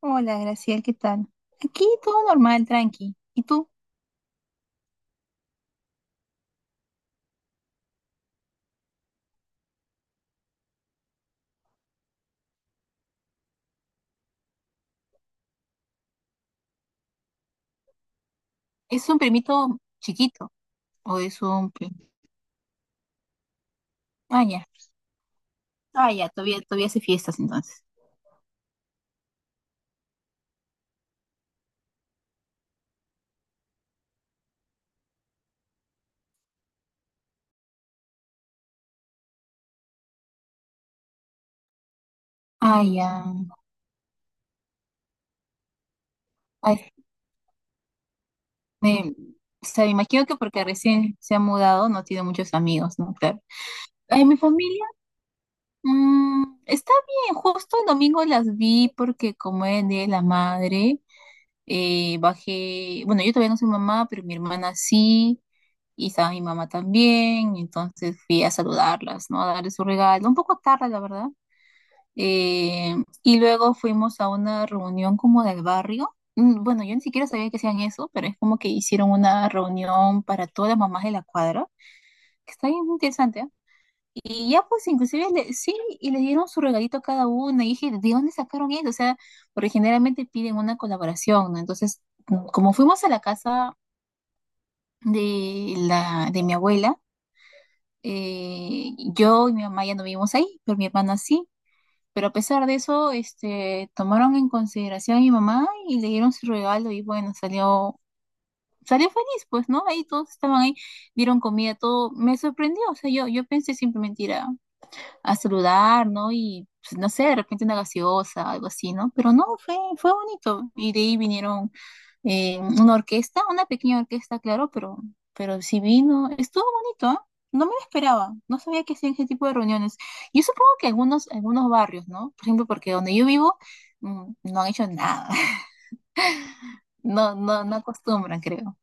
Hola, Graciel, ¿qué tal? Aquí todo normal, tranqui. ¿Y tú? ¿Es un primito chiquito o es un primo? Ah, ya. Ah, ya, todavía hace fiestas entonces. Ah, ya. Ay, me, o sea, me imagino que porque recién se ha mudado no tiene muchos amigos, ¿no? Claro. Ay, mi familia, está bien. Justo el domingo las vi porque como es el Día de la Madre, bajé, bueno, yo todavía no soy mamá, pero mi hermana sí. Y estaba mi mamá también, entonces fui a saludarlas, ¿no? A darle su regalo, un poco tarde, la verdad. Eh, y luego fuimos a una reunión como del barrio. Bueno, yo ni siquiera sabía que hacían eso, pero es como que hicieron una reunión para todas las mamás de la cuadra, que está bien interesante, ¿ah? Y ya pues inclusive le- sí, y les dieron su regalito a cada una, y dije, ¿de dónde sacaron eso? O sea, porque generalmente piden una colaboración, ¿no? Entonces, como fuimos a la casa de mi abuela. Yo y mi mamá ya no vivimos ahí, pero mi hermana sí. Pero a pesar de eso, este, tomaron en consideración a mi mamá y le dieron su regalo y bueno, salió feliz, pues, ¿no? Ahí todos estaban ahí, dieron comida, todo. Me sorprendió, o sea, yo pensé simplemente ir a saludar, ¿no? Y pues, no sé, de repente una gaseosa, algo así, ¿no? Pero no, fue bonito. Y de ahí vinieron una orquesta, una pequeña orquesta, claro, pero sí vino, estuvo bonito, ¿ah? No me lo esperaba, no sabía que hacían ese tipo de reuniones. Yo supongo que algunos barrios, ¿no? Por ejemplo, porque donde yo vivo, no han hecho nada. No, no, no acostumbran, creo.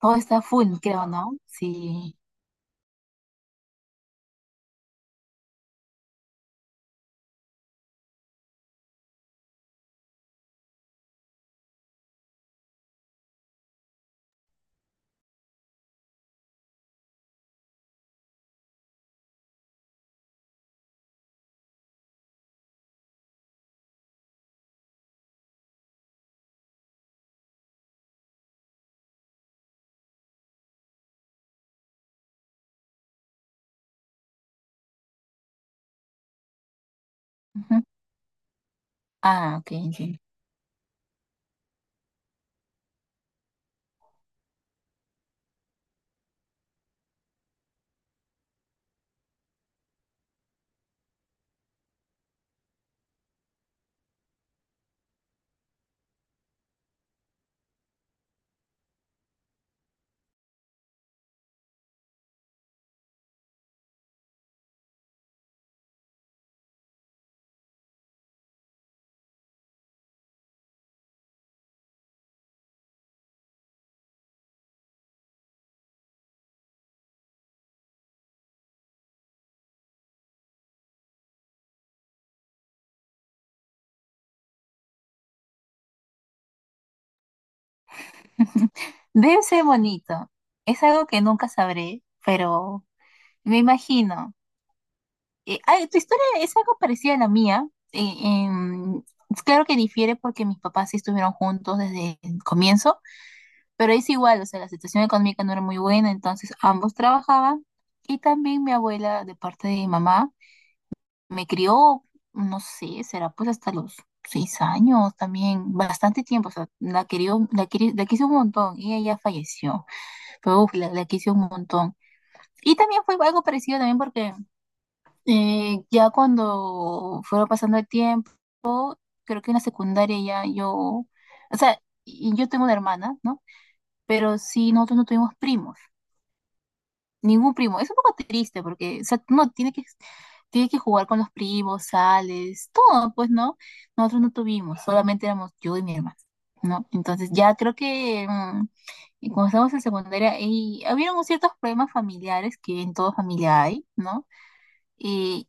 Todo está full, creo, ¿no? Sí. Ujú. Ah, OK, entiendo. Debe ser bonito. Es algo que nunca sabré, pero me imagino. Ay, tu historia es algo parecida a la mía. Eh, em, es claro que difiere porque mis papás sí estuvieron juntos desde el comienzo, pero es igual, o sea, la situación económica no era muy buena, entonces ambos trabajaban. Y también mi abuela, de parte de mi mamá, me crió, no sé, será pues hasta los 6 años también, bastante tiempo, o sea, la querió, la quise un montón y ella falleció. Uf, la quise un montón. Y también fue algo parecido también porque ya cuando fueron pasando el tiempo, creo que en la secundaria o sea, y yo tengo una hermana, ¿no? Pero sí, nosotros no tuvimos primos, ningún primo. Es un poco triste porque, o sea, uno tiene que jugar con los primos, sales, todo, pues, ¿no? Nosotros no tuvimos, solamente éramos yo y mi hermana, ¿no? Entonces ya creo que y cuando estábamos en secundaria, y habían ciertos problemas familiares que en toda familia hay, ¿no? Y,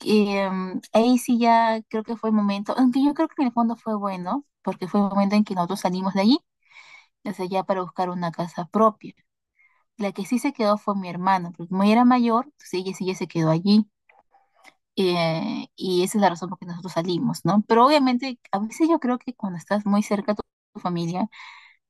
y ahí sí ya creo que fue el momento, aunque yo creo que en el fondo fue bueno, porque fue el momento en que nosotros salimos de allí, desde allá para buscar una casa propia. La que sí se quedó fue mi hermana, porque como ella era mayor, entonces ella sí ya se quedó allí. Y esa es la razón por la que nosotros salimos, ¿no? Pero obviamente, a veces yo creo que cuando estás muy cerca a tu familia,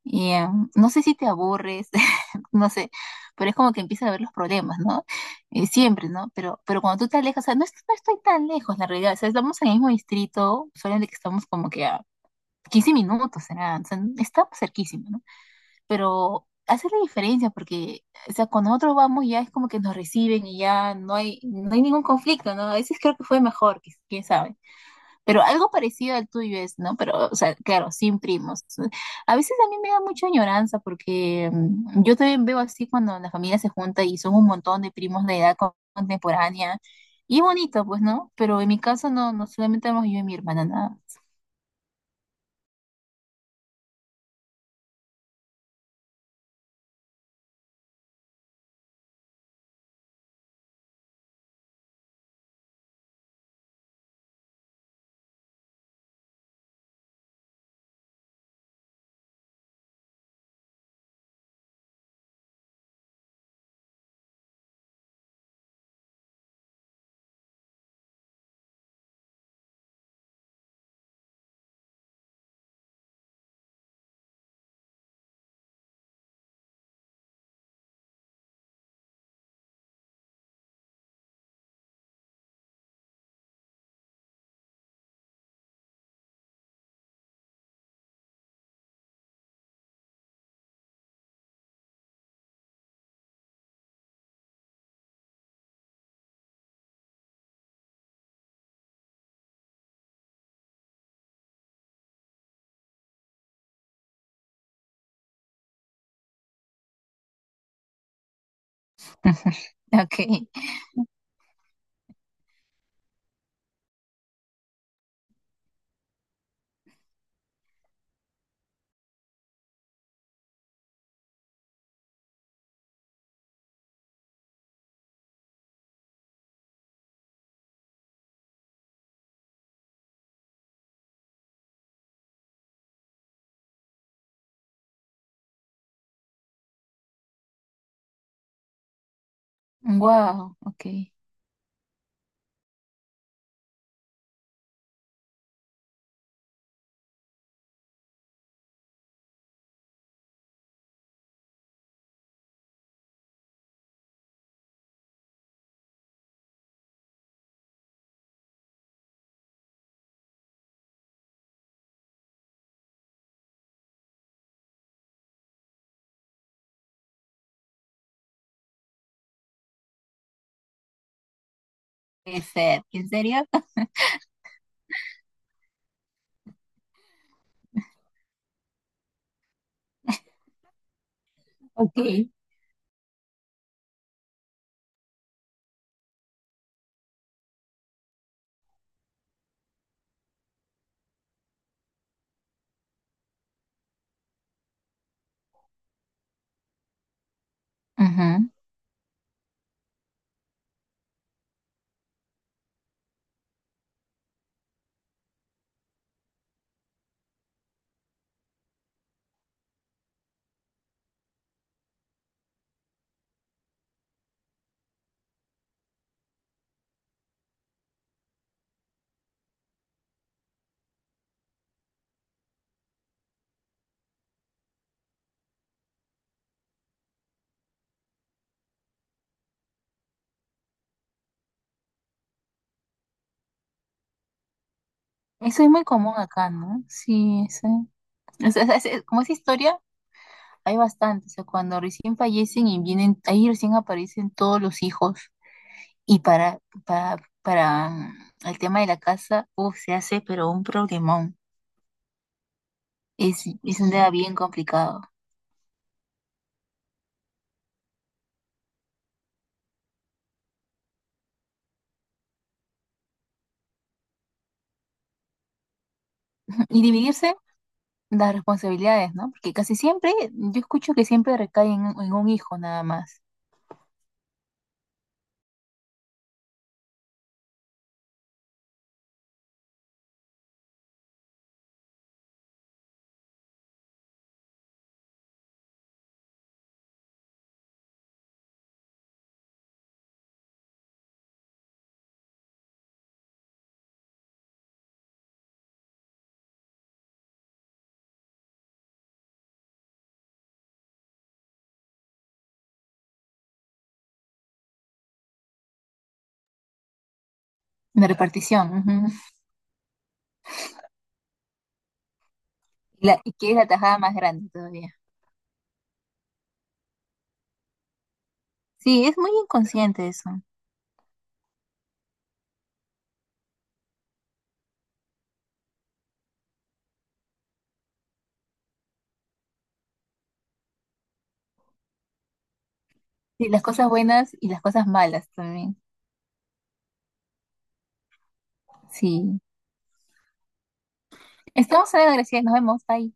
Y eh, no sé si te aburres, no sé, pero es como que empiezan a ver los problemas, ¿no? Siempre, ¿no? Pero cuando tú te alejas, o sea, no, no estoy tan lejos, la realidad, o sea, estamos en el mismo distrito, solamente que estamos como que a 15 minutos, será, o sea, estamos cerquísimos, ¿no? Pero hace la diferencia porque, o sea, cuando nosotros vamos ya es como que nos reciben y ya no hay ningún conflicto, ¿no? A veces creo que fue mejor, quién sabe. Pero algo parecido al tuyo es, ¿no? Pero, o sea, claro, sin primos. A veces a mí me da mucha añoranza porque yo también veo así cuando la familia se junta y son un montón de primos de edad contemporánea. Y es bonito, pues, ¿no? Pero en mi caso no, no solamente éramos yo y mi hermana, nada. OK. Wow, OK. Puede ser. ¿En serio? OK. Ujú. Eso es muy común acá, ¿no? Sí, sí. O sea, como esa historia hay bastante, o sea, cuando recién fallecen y vienen, ahí recién aparecen todos los hijos. Y para el tema de la casa, uf, se hace, pero un problemón. Es un tema bien complicado. Y dividirse las responsabilidades, ¿no? Porque casi siempre, yo escucho que siempre recae en un hijo nada más, la repartición, ujú. Y que es la tajada más grande todavía. Sí, es muy inconsciente eso. Sí, las cosas buenas y las cosas malas también. Sí. Estamos en la gracia, nos vemos, bye.